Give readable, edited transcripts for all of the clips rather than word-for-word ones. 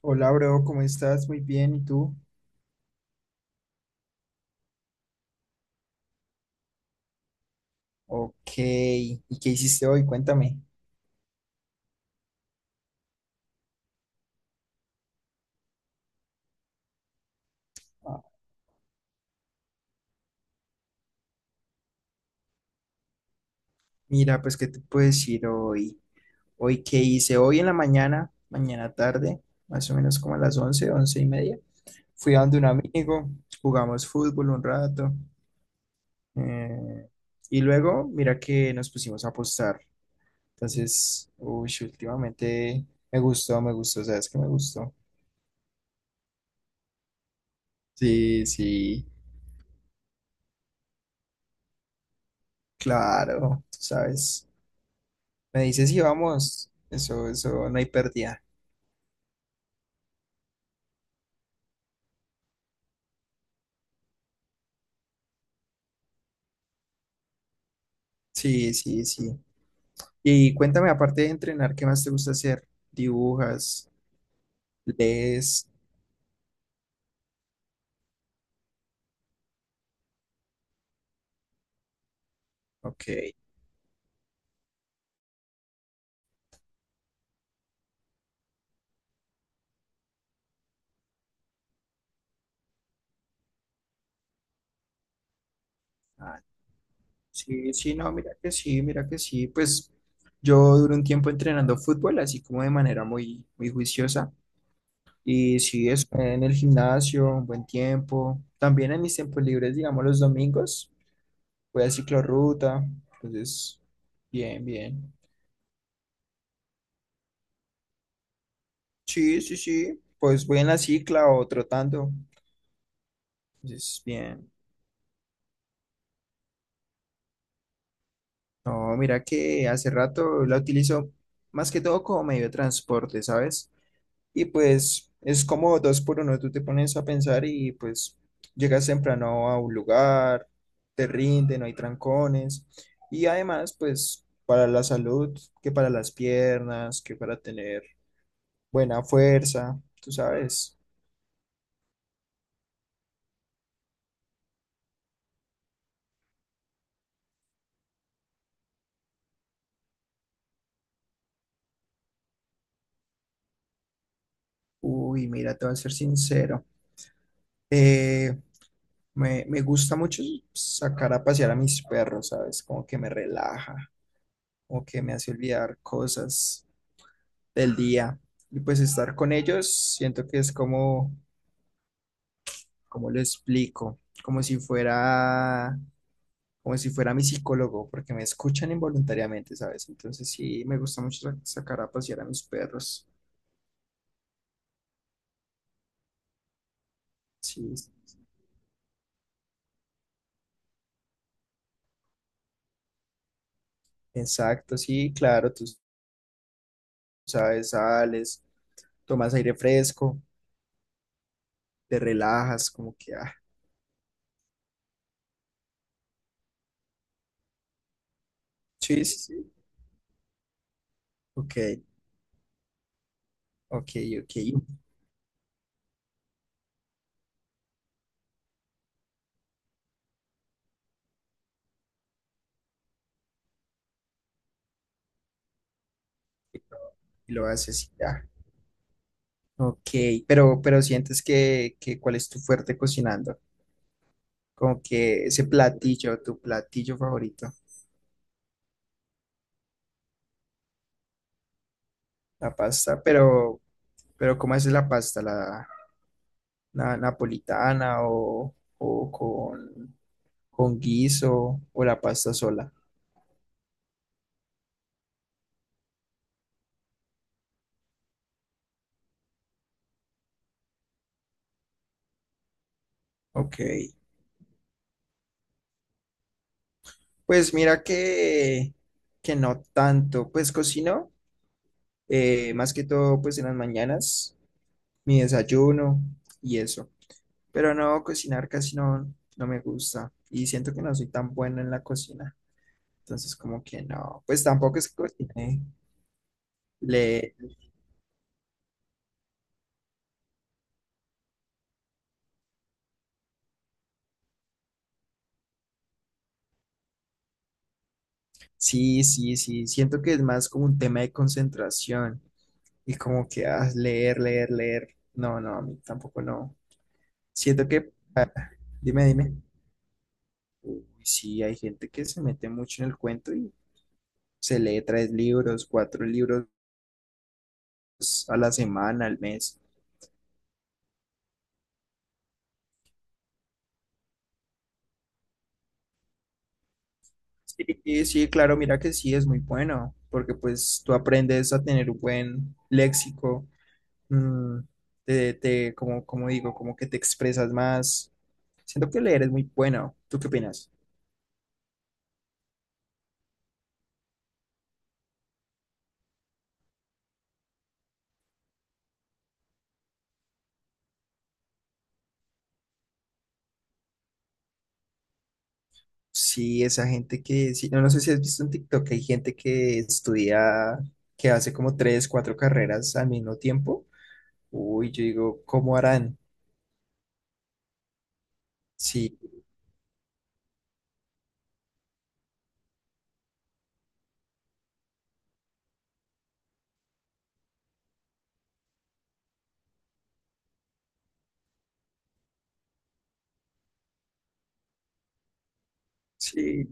Hola, bro, ¿cómo estás? Muy bien, ¿y tú? Ok, ¿y qué hiciste hoy? Cuéntame. Ah. Mira, pues, ¿qué te puedo decir hoy? Hoy, ¿qué hice? Hoy en la mañana, mañana tarde, más o menos como a las 11, 11:30, fui a donde un amigo, jugamos fútbol un rato, eh, y luego, mira que nos pusimos a apostar. Entonces, uy, últimamente me gustó, ¿sabes qué me gustó? Sí, sí, claro, tú sabes. Me dice, sí, vamos, eso, no hay pérdida. Sí, sí, sí. Y cuéntame, aparte de entrenar, ¿qué más te gusta hacer? ¿Dibujas? ¿Lees? Ok. Ah, sí, sí, no, mira que sí, mira que sí. Pues yo duré un tiempo entrenando fútbol, así como de manera muy, muy juiciosa. Y sí, es en el gimnasio, un buen tiempo. También en mis tiempos libres, digamos los domingos, voy a ciclorruta. Entonces, bien, bien. Sí, sí, sí. Pues voy en la cicla o trotando. Es bien. No, mira que hace rato la utilizo más que todo como medio de transporte, ¿sabes? Y pues es como dos por uno. Tú te pones a pensar y pues llegas temprano a un lugar, te rinde, no hay trancones. Y además, pues para la salud, que para las piernas, que para tener buena fuerza, tú sabes. Uy, mira, te voy a ser sincero. Eh, me gusta mucho sacar a pasear a mis perros, ¿sabes? Como que me relaja, como que me hace olvidar cosas del día. Y pues estar con ellos, siento que es como, como lo explico, como si fuera mi psicólogo, porque me escuchan involuntariamente, ¿sabes? Entonces sí, me gusta mucho sacar a pasear a mis perros. Sí, exacto, sí, claro, tú sabes, sales, tomas aire fresco, te relajas, como que, ah, sí, sí, sí, ok. Ok, ok. Y lo haces y ya. Ok, pero sientes que, cuál es tu fuerte cocinando. Como que ese platillo, tu platillo favorito, la pasta. Pero ¿cómo haces la pasta? ¿La napolitana o con guiso o la pasta sola? Ok, pues mira que no tanto, pues cocino, más que todo pues en las mañanas, mi desayuno y eso. Pero no, cocinar casi no, no me gusta y siento que no soy tan bueno en la cocina. Entonces como que no, pues tampoco es que cocine. Le, sí, sí, sí, siento que es más como un tema de concentración y como que ah, leer, leer, leer. No, no, a mí tampoco no. Siento que, dime, dime. Uy, sí, hay gente que se mete mucho en el cuento y se lee tres libros, cuatro libros pues, a la semana, al mes. Sí, sí, claro, mira que sí es muy bueno, porque pues tú aprendes a tener un buen léxico, mm, como digo, como que te expresas más. Siento que leer es muy bueno. ¿Tú qué opinas? Sí, esa gente que, sí, no, no sé si has visto en TikTok, que hay gente que estudia, que hace como tres, cuatro carreras al mismo tiempo. Uy, yo digo, ¿cómo harán? Sí, sí,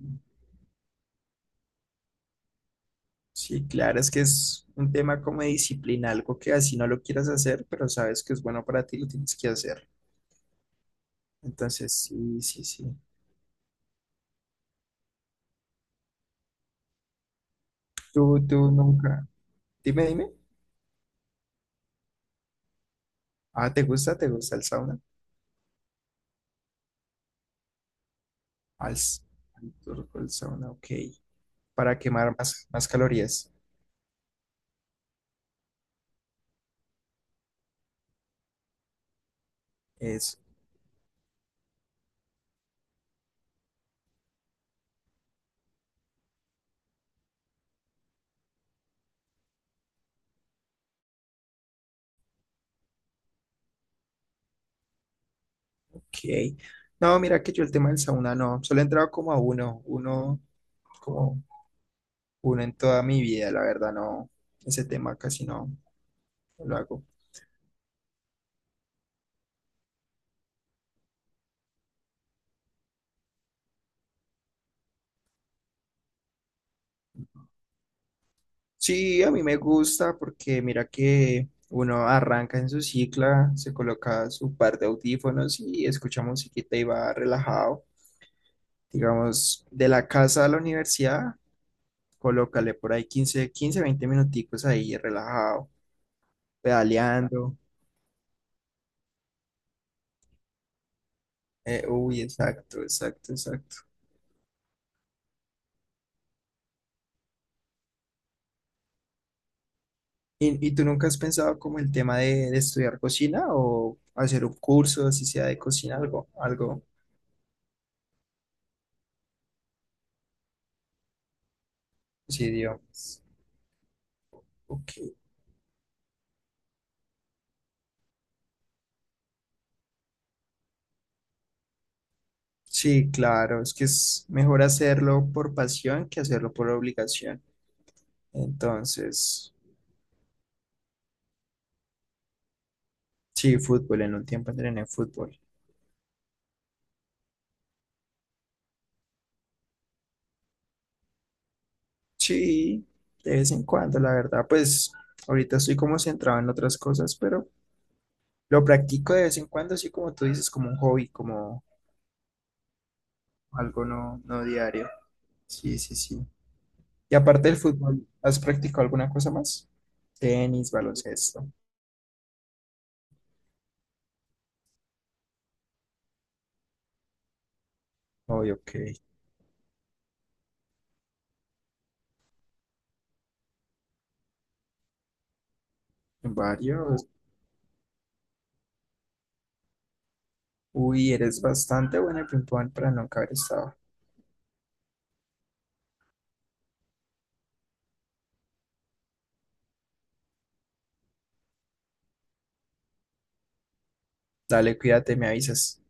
sí, claro, es que es un tema como de disciplina, algo que así no lo quieras hacer, pero sabes que es bueno para ti, lo tienes que hacer. Entonces, sí, sí, sí. Tú nunca. Dime, dime. Ah, ¿te gusta? ¿Te gusta el sauna? Al, s- al turco el sauna, ok. Para quemar más calorías. Es, ok. No, mira que yo el tema del sauna no. Solo he entrado como a uno, uno, como uno en toda mi vida, la verdad, no. Ese tema casi no no lo hago. Sí, a mí me gusta porque mira que uno arranca en su cicla, se coloca su par de audífonos y escucha musiquita y va relajado. Digamos, de la casa a la universidad, colócale por ahí 15, 15, 20 minuticos ahí relajado, pedaleando. Uy, exacto, exacto, exacto. ¿Y tú nunca has pensado como el tema de estudiar cocina o hacer un curso, si sea de cocina, algo, algo, sí, digamos. Ok. Sí, claro, es que es mejor hacerlo por pasión que hacerlo por obligación. Entonces, sí, fútbol, en un tiempo entrené fútbol. Sí, de vez en cuando, la verdad, pues ahorita estoy como centrado en otras cosas, pero lo practico de vez en cuando, así como tú dices, como un hobby, como algo no, no diario. Sí, sí, sí. Y aparte del fútbol, ¿has practicado alguna cosa más? Tenis, baloncesto. Oh, ok, varios. Uy, eres bastante buena en ping-pong para nunca haber estado. Dale, cuídate, me avisas.